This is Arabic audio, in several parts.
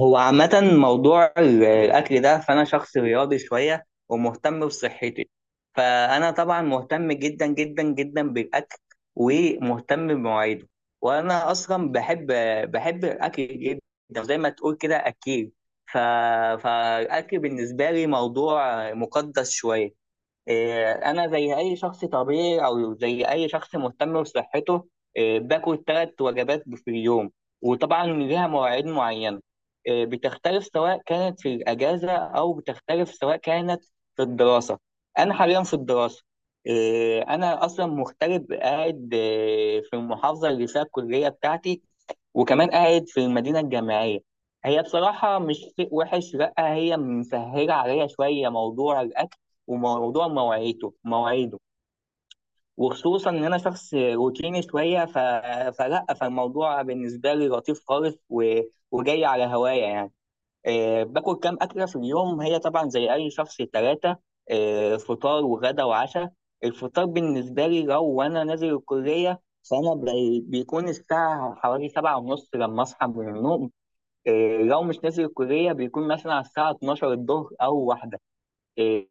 هو عامة موضوع الأكل ده، فأنا شخص رياضي شوية ومهتم بصحتي. فأنا طبعا مهتم جدا جدا جدا بالأكل ومهتم بمواعيده. وأنا أصلا بحب الأكل جدا، زي ما تقول كده أكيل. ف... فالأكل بالنسبة لي موضوع مقدس شوية. إيه، انا زي اي شخص طبيعي او زي اي شخص مهتم بصحته. إيه، باكل ثلاث وجبات في اليوم، وطبعا ليها مواعيد معينه. إيه، بتختلف سواء كانت في الاجازه او بتختلف سواء كانت في الدراسه. انا حاليا في الدراسه. إيه، انا اصلا مغترب قاعد، إيه، في المحافظه اللي فيها الكليه بتاعتي، وكمان قاعد في المدينة الجامعية. هي بصراحة مش شيء وحش، لأ، هي مسهلة عليا شوية موضوع الأكل وموضوع مواعيده، وخصوصا إن أنا شخص روتيني شوية. ف... فلأ فالموضوع بالنسبة لي لطيف خالص، وجاي على هوايا يعني. آه، باكل كام أكلة في اليوم؟ هي طبعا زي أي شخص ثلاثة. آه، فطار وغدا وعشاء. الفطار بالنسبة لي لو وأنا نازل الكلية، فأنا بيكون الساعة حوالي سبعة ونص لما أصحى من النوم. آه، لو مش نازل الكلية، بيكون مثلا على الساعة 12 الظهر أو واحدة. آه،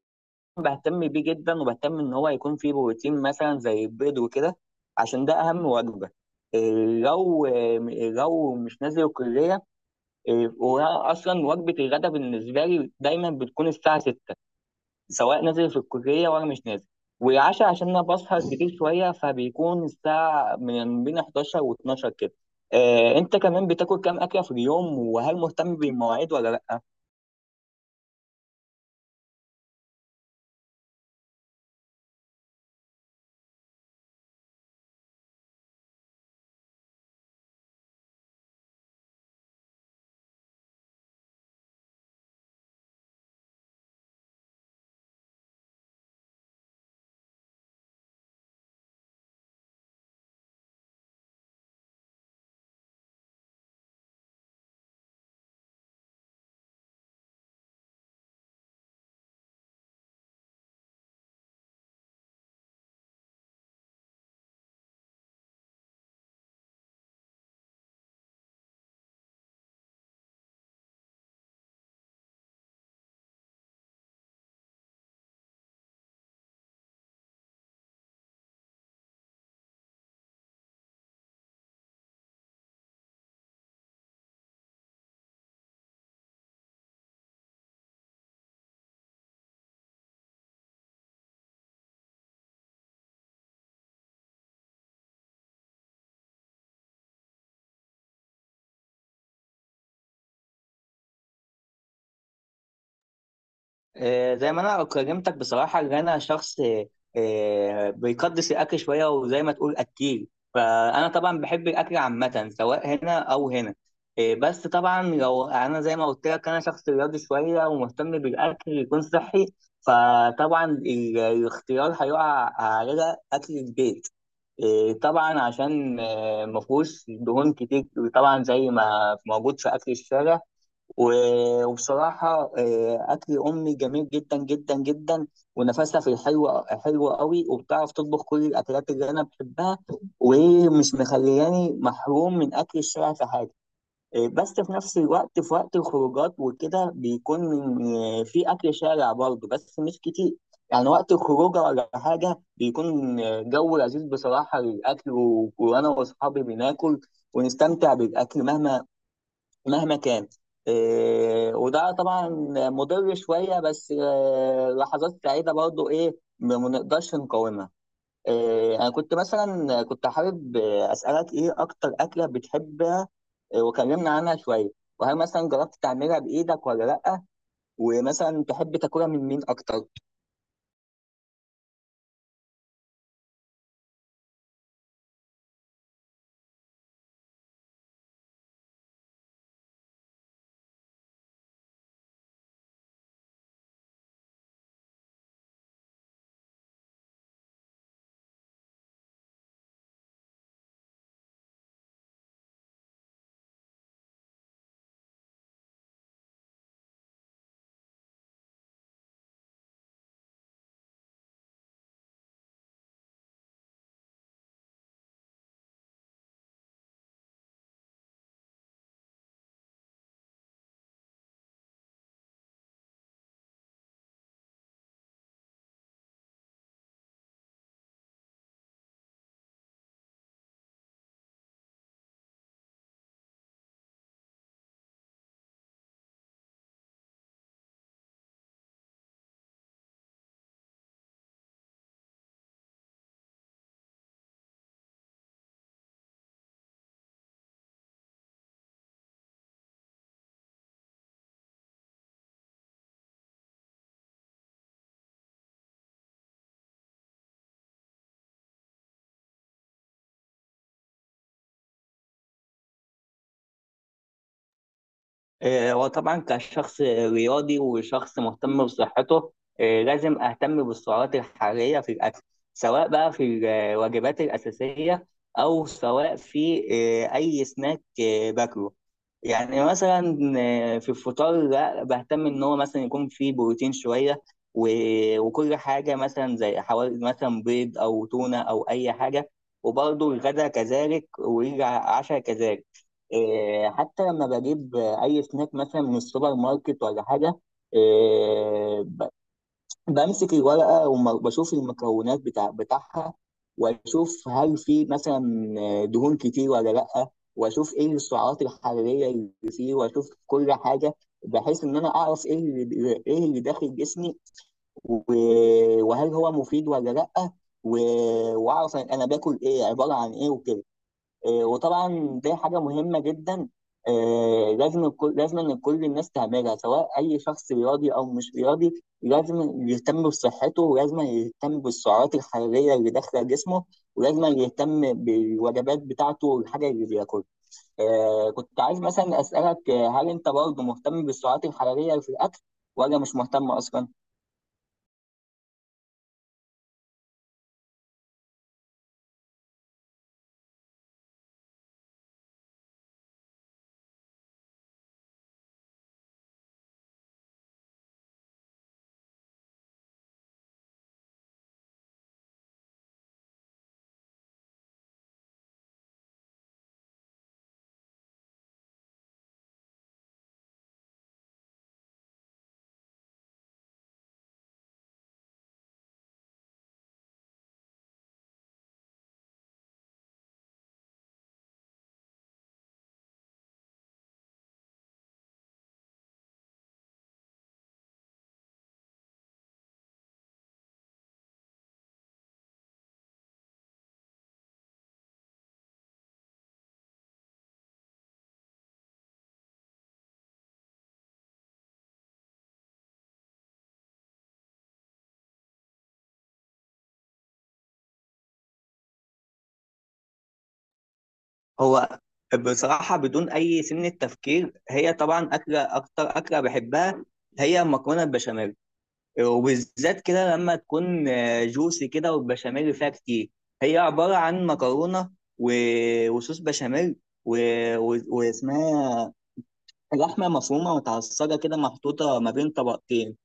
بهتم بيه جدا، وبهتم إن هو يكون فيه بروتين مثلا زي البيض وكده، عشان ده أهم وجبة. آه، لو آه، لو مش نازل الكلية. إيه، وانا اصلا وجبه الغداء بالنسبه لي دايما بتكون الساعه 6، سواء نازل في الكليه ولا مش نازل. والعشاء عشان انا بسهر كتير شويه، فبيكون الساعه من بين 11 و12 كده. آه، انت كمان بتاكل كام اكله في اليوم، وهل مهتم بالمواعيد ولا لا؟ آه، زي ما انا كلمتك بصراحه، ان انا شخص، آه، بيقدس الاكل شويه، وزي ما تقول اكيل. فانا طبعا بحب الاكل عامه سواء هنا او هنا. آه، بس طبعا لو انا زي ما قلت لك، انا شخص رياضي شويه ومهتم بالاكل يكون صحي، فطبعا الاختيار هيقع على اكل البيت. آه، طبعا عشان، آه، مفهوش دهون كتير طبعا زي ما موجود في اكل الشارع. وبصراحة، آه، أكل أمي جميل جدا جدا جدا، ونفسها في الحلو حلو قوي، وبتعرف تطبخ كل الأكلات اللي أنا بحبها، ومش مخلياني محروم من أكل الشارع في حاجة. آه، بس في نفس الوقت، في وقت الخروجات وكده، بيكون، آه، في أكل شارع برضه بس مش كتير. يعني وقت الخروجة ولا حاجة، بيكون، آه، جو لذيذ بصراحة للأكل، وأنا وأصحابي بناكل ونستمتع بالأكل مهما كان. إيه، وده طبعا مضر شويه، بس إيه، لحظات سعيده برضو، ايه، ما نقدرش نقاومها. إيه، انا كنت مثلا كنت حابب، آه، اسالك ايه اكتر اكله بتحبها؟ آه، وكلمنا عنها شويه. وهل مثلا جربت تعملها بايدك ولا لا؟ ومثلا تحب تاكلها من مين اكتر؟ آه، وطبعا كشخص رياضي وشخص مهتم بصحته، آه، لازم اهتم بالسعرات الحراريه في الاكل، سواء بقى في الوجبات الاساسيه او سواء في، آه، اي سناك، آه، باكله. يعني مثلا، آه، في الفطار، لا، بهتم ان هو مثلا يكون فيه بروتين شويه، وكل حاجه مثلا زي حوالي مثلا بيض او تونه او اي حاجه. وبرضه الغداء كذلك والعشاء كذلك. إيه، حتى لما بجيب اي سناك مثلا من السوبر ماركت ولا حاجه، إيه، بمسك الورقه وبشوف المكونات بتاعها، واشوف هل في مثلا، آه، دهون كتير ولا لا، واشوف ايه السعرات الحراريه اللي فيه، واشوف كل حاجه، بحيث ان انا اعرف ايه اللي داخل جسمي، وهل هو مفيد ولا لا، واعرف انا باكل ايه، عباره عن ايه وكده. آه، وطبعا دي حاجه مهمه جدا. آه، لازم ان كل الناس تعملها، سواء اي شخص رياضي او مش رياضي لازم يهتم بصحته، ولازم يهتم بالسعرات الحراريه اللي داخله جسمه، ولازم يهتم بالوجبات بتاعته والحاجه اللي بياكلها. آه، كنت عايز مثلا اسالك، آه، هل انت برضه مهتم بالسعرات الحراريه في الاكل ولا مش مهتم اصلا؟ هو بصراحة بدون أي سن تفكير، هي طبعا أكلة، أكتر أكلة بحبها هي المكرونة البشاميل، وبالذات كده لما تكون، آه، جوسي كده، والبشاميل فيها كتير. هي عبارة عن مكرونة وصوص بشاميل و... واسمها لحمة مفرومة متعصجة كده، محطوطة ما بين طبقتين.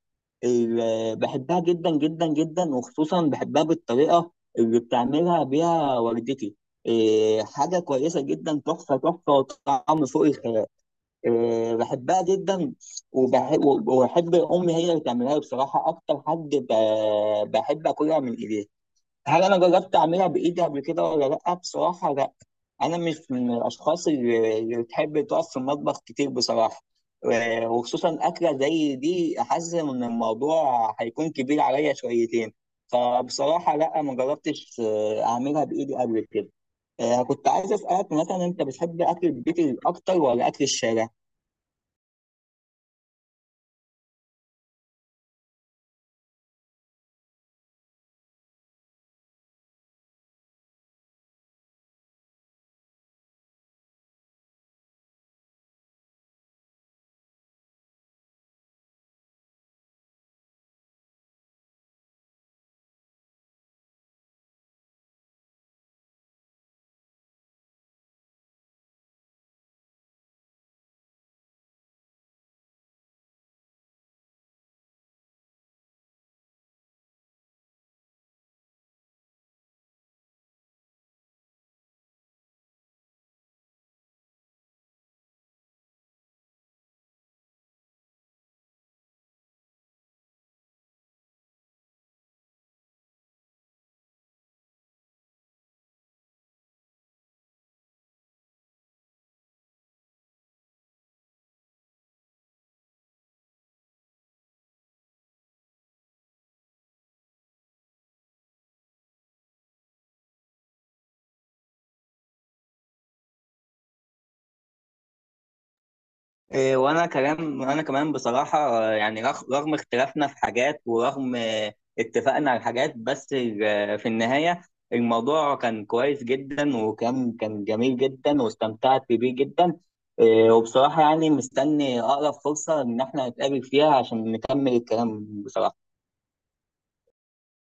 بحبها جدا جدا جدا، وخصوصا بحبها بالطريقة اللي بتعملها بيها والدتي. إيه، حاجة كويسة جدا، تحفة تحفة، وطعم فوق الخيال. آه، بحبها جدا. وبحب امي هي اللي تعملها لي، بصراحه اكتر حد بحب اكلها من ايديها. هل انا جربت اعملها بايدي قبل كده ولا لا؟ بصراحه لا، انا مش من الاشخاص اللي بتحب تقف في المطبخ كتير بصراحه. آه، وخصوصا اكله زي دي، حاسس ان الموضوع هيكون كبير عليا شويتين. فبصراحه لا، ما جربتش، آه، اعملها بايدي قبل كده. آه، كنت عايز اسالك مثلا، انت بتحب اكل البيت اكتر ولا اكل الشارع؟ إيه، وانا كلام، وانا كمان بصراحه، آه، يعني رغم اختلافنا في حاجات، ورغم، آه، اتفقنا على حاجات، بس، آه، في النهايه الموضوع كان كويس جدا، وكان كان جميل جدا، واستمتعت بيه جدا. إيه، وبصراحه يعني مستني اقرب فرصه ان احنا نتقابل فيها عشان نكمل الكلام بصراحه.